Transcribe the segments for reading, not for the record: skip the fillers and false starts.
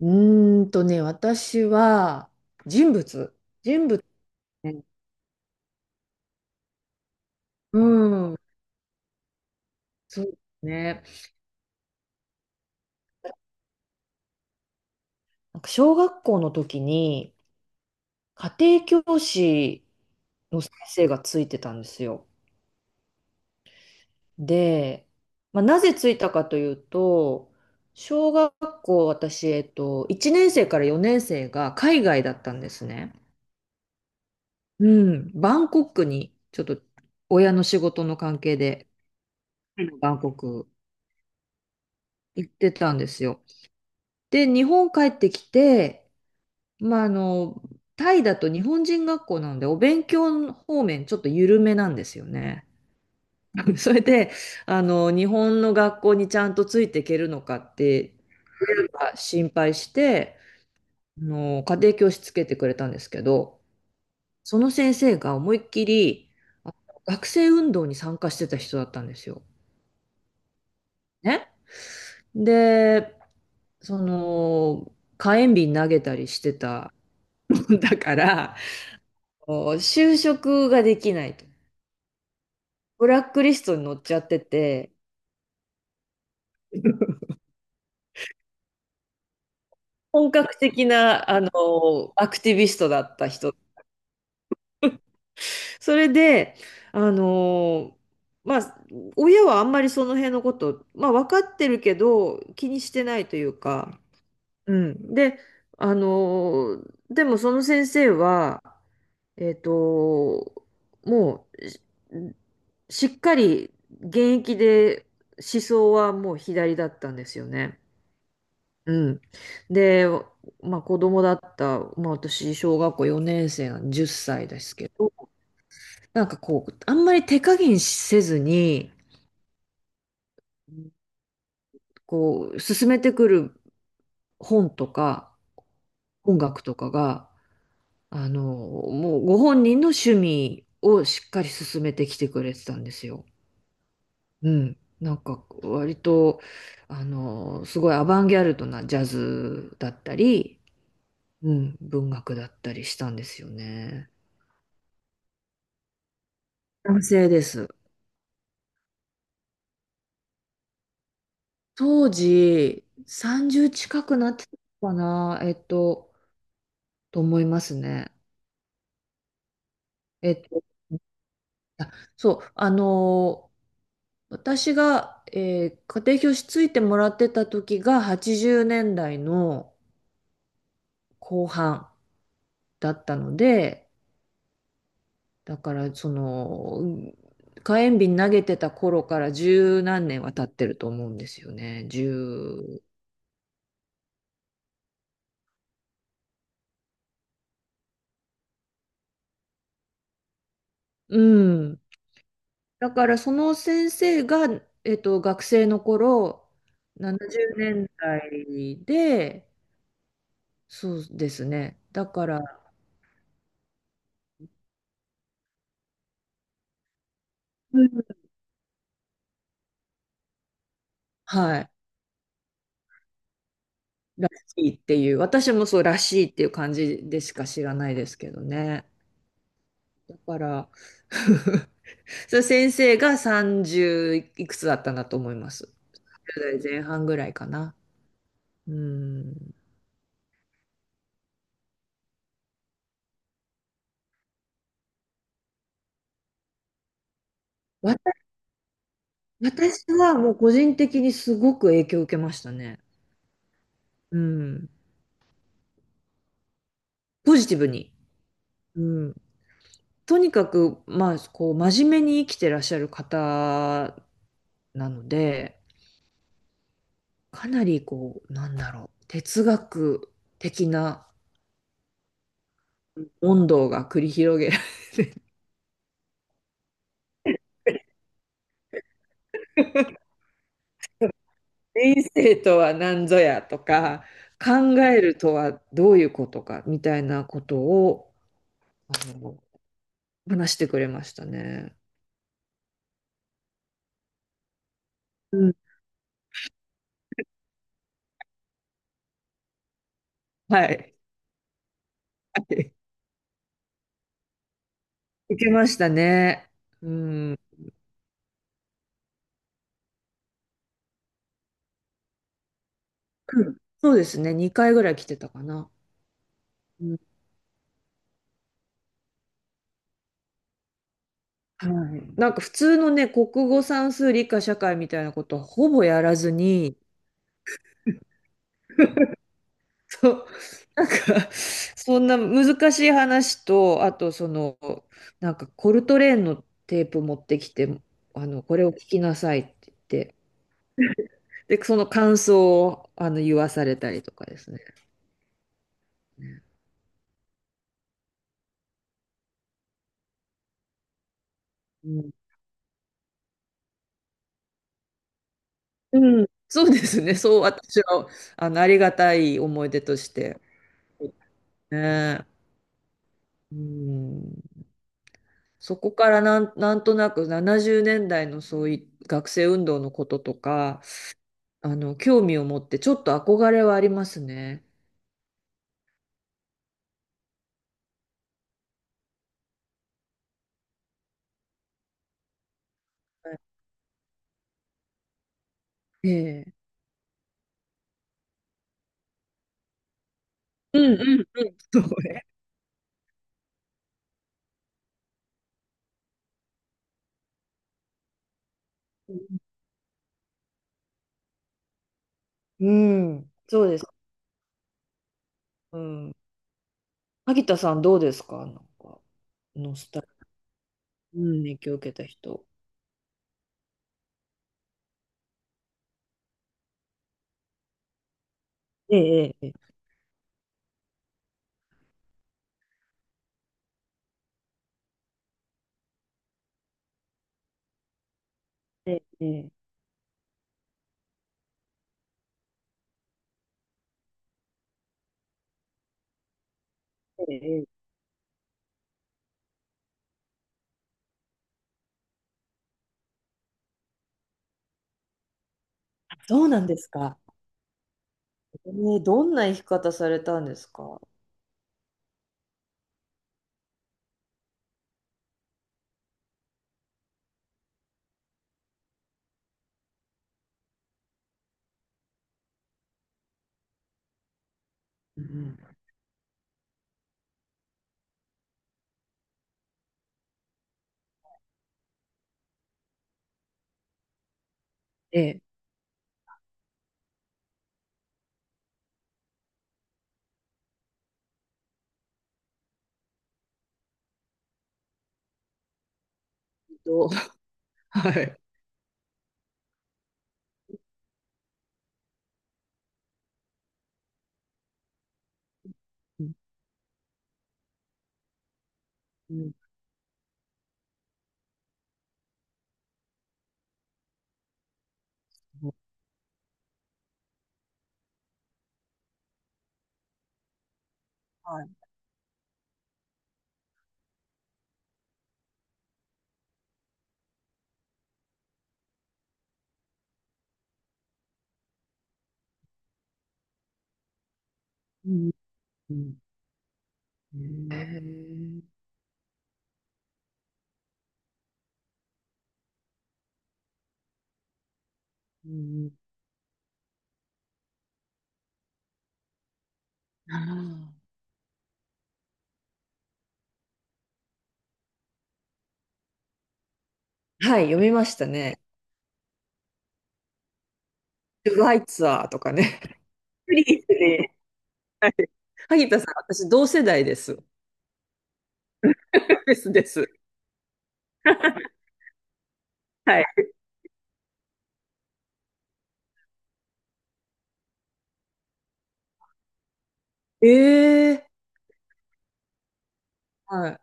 私は人物。人物ね。うん。そうですね。なんか小学校の時に家庭教師の先生がついてたんですよ。で、まあ、なぜついたかというと、小学校私、1年生から4年生が海外だったんですね。うん。バンコクにちょっと親の仕事の関係で、バンコク行ってたんですよ。で、日本帰ってきて、まあ、タイだと日本人学校なんで、お勉強方面ちょっと緩めなんですよね。それで、日本の学校にちゃんとついていけるのかって心配して、家庭教師つけてくれたんですけど、その先生が思いっきりあの学生運動に参加してた人だったんですよ。ね。で、その、火炎瓶投げたりしてた んだから、就職ができないと。ブラックリストに載っちゃってて、本格的な、アクティビストだった人。それで、あの、まあ、親はあんまりその辺のこと、まあ、分かってるけど、気にしてないというか、うん。で、あの、でもその先生は、えっと、もう、しっかり現役で思想はもう左だったんですよね。うん。で、まあ子供だった、まあ私、小学校4年生なんで10歳ですけど、なんかこう、あんまり手加減せずに、こう、進めてくる本とか音楽とかが、あの、もうご本人の趣味をしっかり進めてきてくれてたんですよ。うん。なんか割と、すごいアバンギャルドなジャズだったり、うん、文学だったりしたんですよね。男性です。当時、30近くなってたのかな、と思いますね。えっと、そう、あの私が、家庭教師ついてもらってた時が80年代の後半だったので、だからその、火炎瓶投げてた頃から十何年は経ってると思うんですよね。十、うん。だからその先生が、学生の頃、70年代で、そうですね。だから、うん。はい、らしいっていう、私もそうらしいっていう感じでしか知らないですけどね。だから、その先生が30いくつだったんだと思います。1代前半ぐらいかな。うん。わた私はもう個人的にすごく影響を受けましたね。うん。ポジティブに。うん、とにかく、まあ、こう、真面目に生きてらっしゃる方なので、かなり、こう、なんだろう、哲学的な問答が繰り広げられる。人生とは何ぞやとか、考えるとはどういうことか、みたいなことを、あの、話してくれましたね。うん、はい。はい、受けましたね。うん。うん、そうですね。2回ぐらい来てたかな。うん、はい。なんか普通のね、国語算数理科社会みたいなことはほぼやらずに、そう、なんか、そんな難しい話と、あとその、なんかコルトレーンのテープ持ってきて、これを聞きなさいって言って、で、その感想をあの言わされたりとかですね。うん。うん、そうですね。そう、私は、ありがたい思い出として。ね。うん。そこからなんとなく70年代のそういう学生運動のこととか、興味を持ってちょっと憧れはありますね。ええ。うんうんうん。そうね。うん。そうです。うん。萩田さんどうですかなんか、ノスタルジー、うん、影響を受けた人。ええ、ええ、ええ、ええ。ええ、あそうなんですか。ええ、どんな生き方されたんですか？うん。ええ。どう はい。うん。うん、はい。うん。うん、えー、うん、あ、はい、読みましたね。トゥワイツアーとかね。フリーいいで萩田さん、私同世代です。ですです。はい。ええ、はい。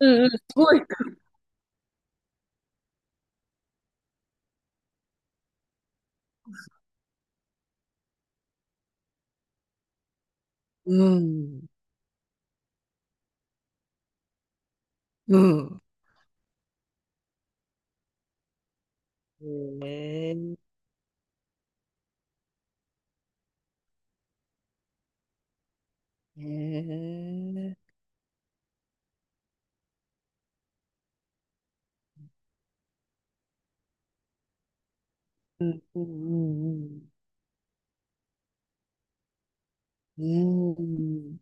うんうん、すごい。うん。うん。ええ、ええ、うんうんうんうん。うん。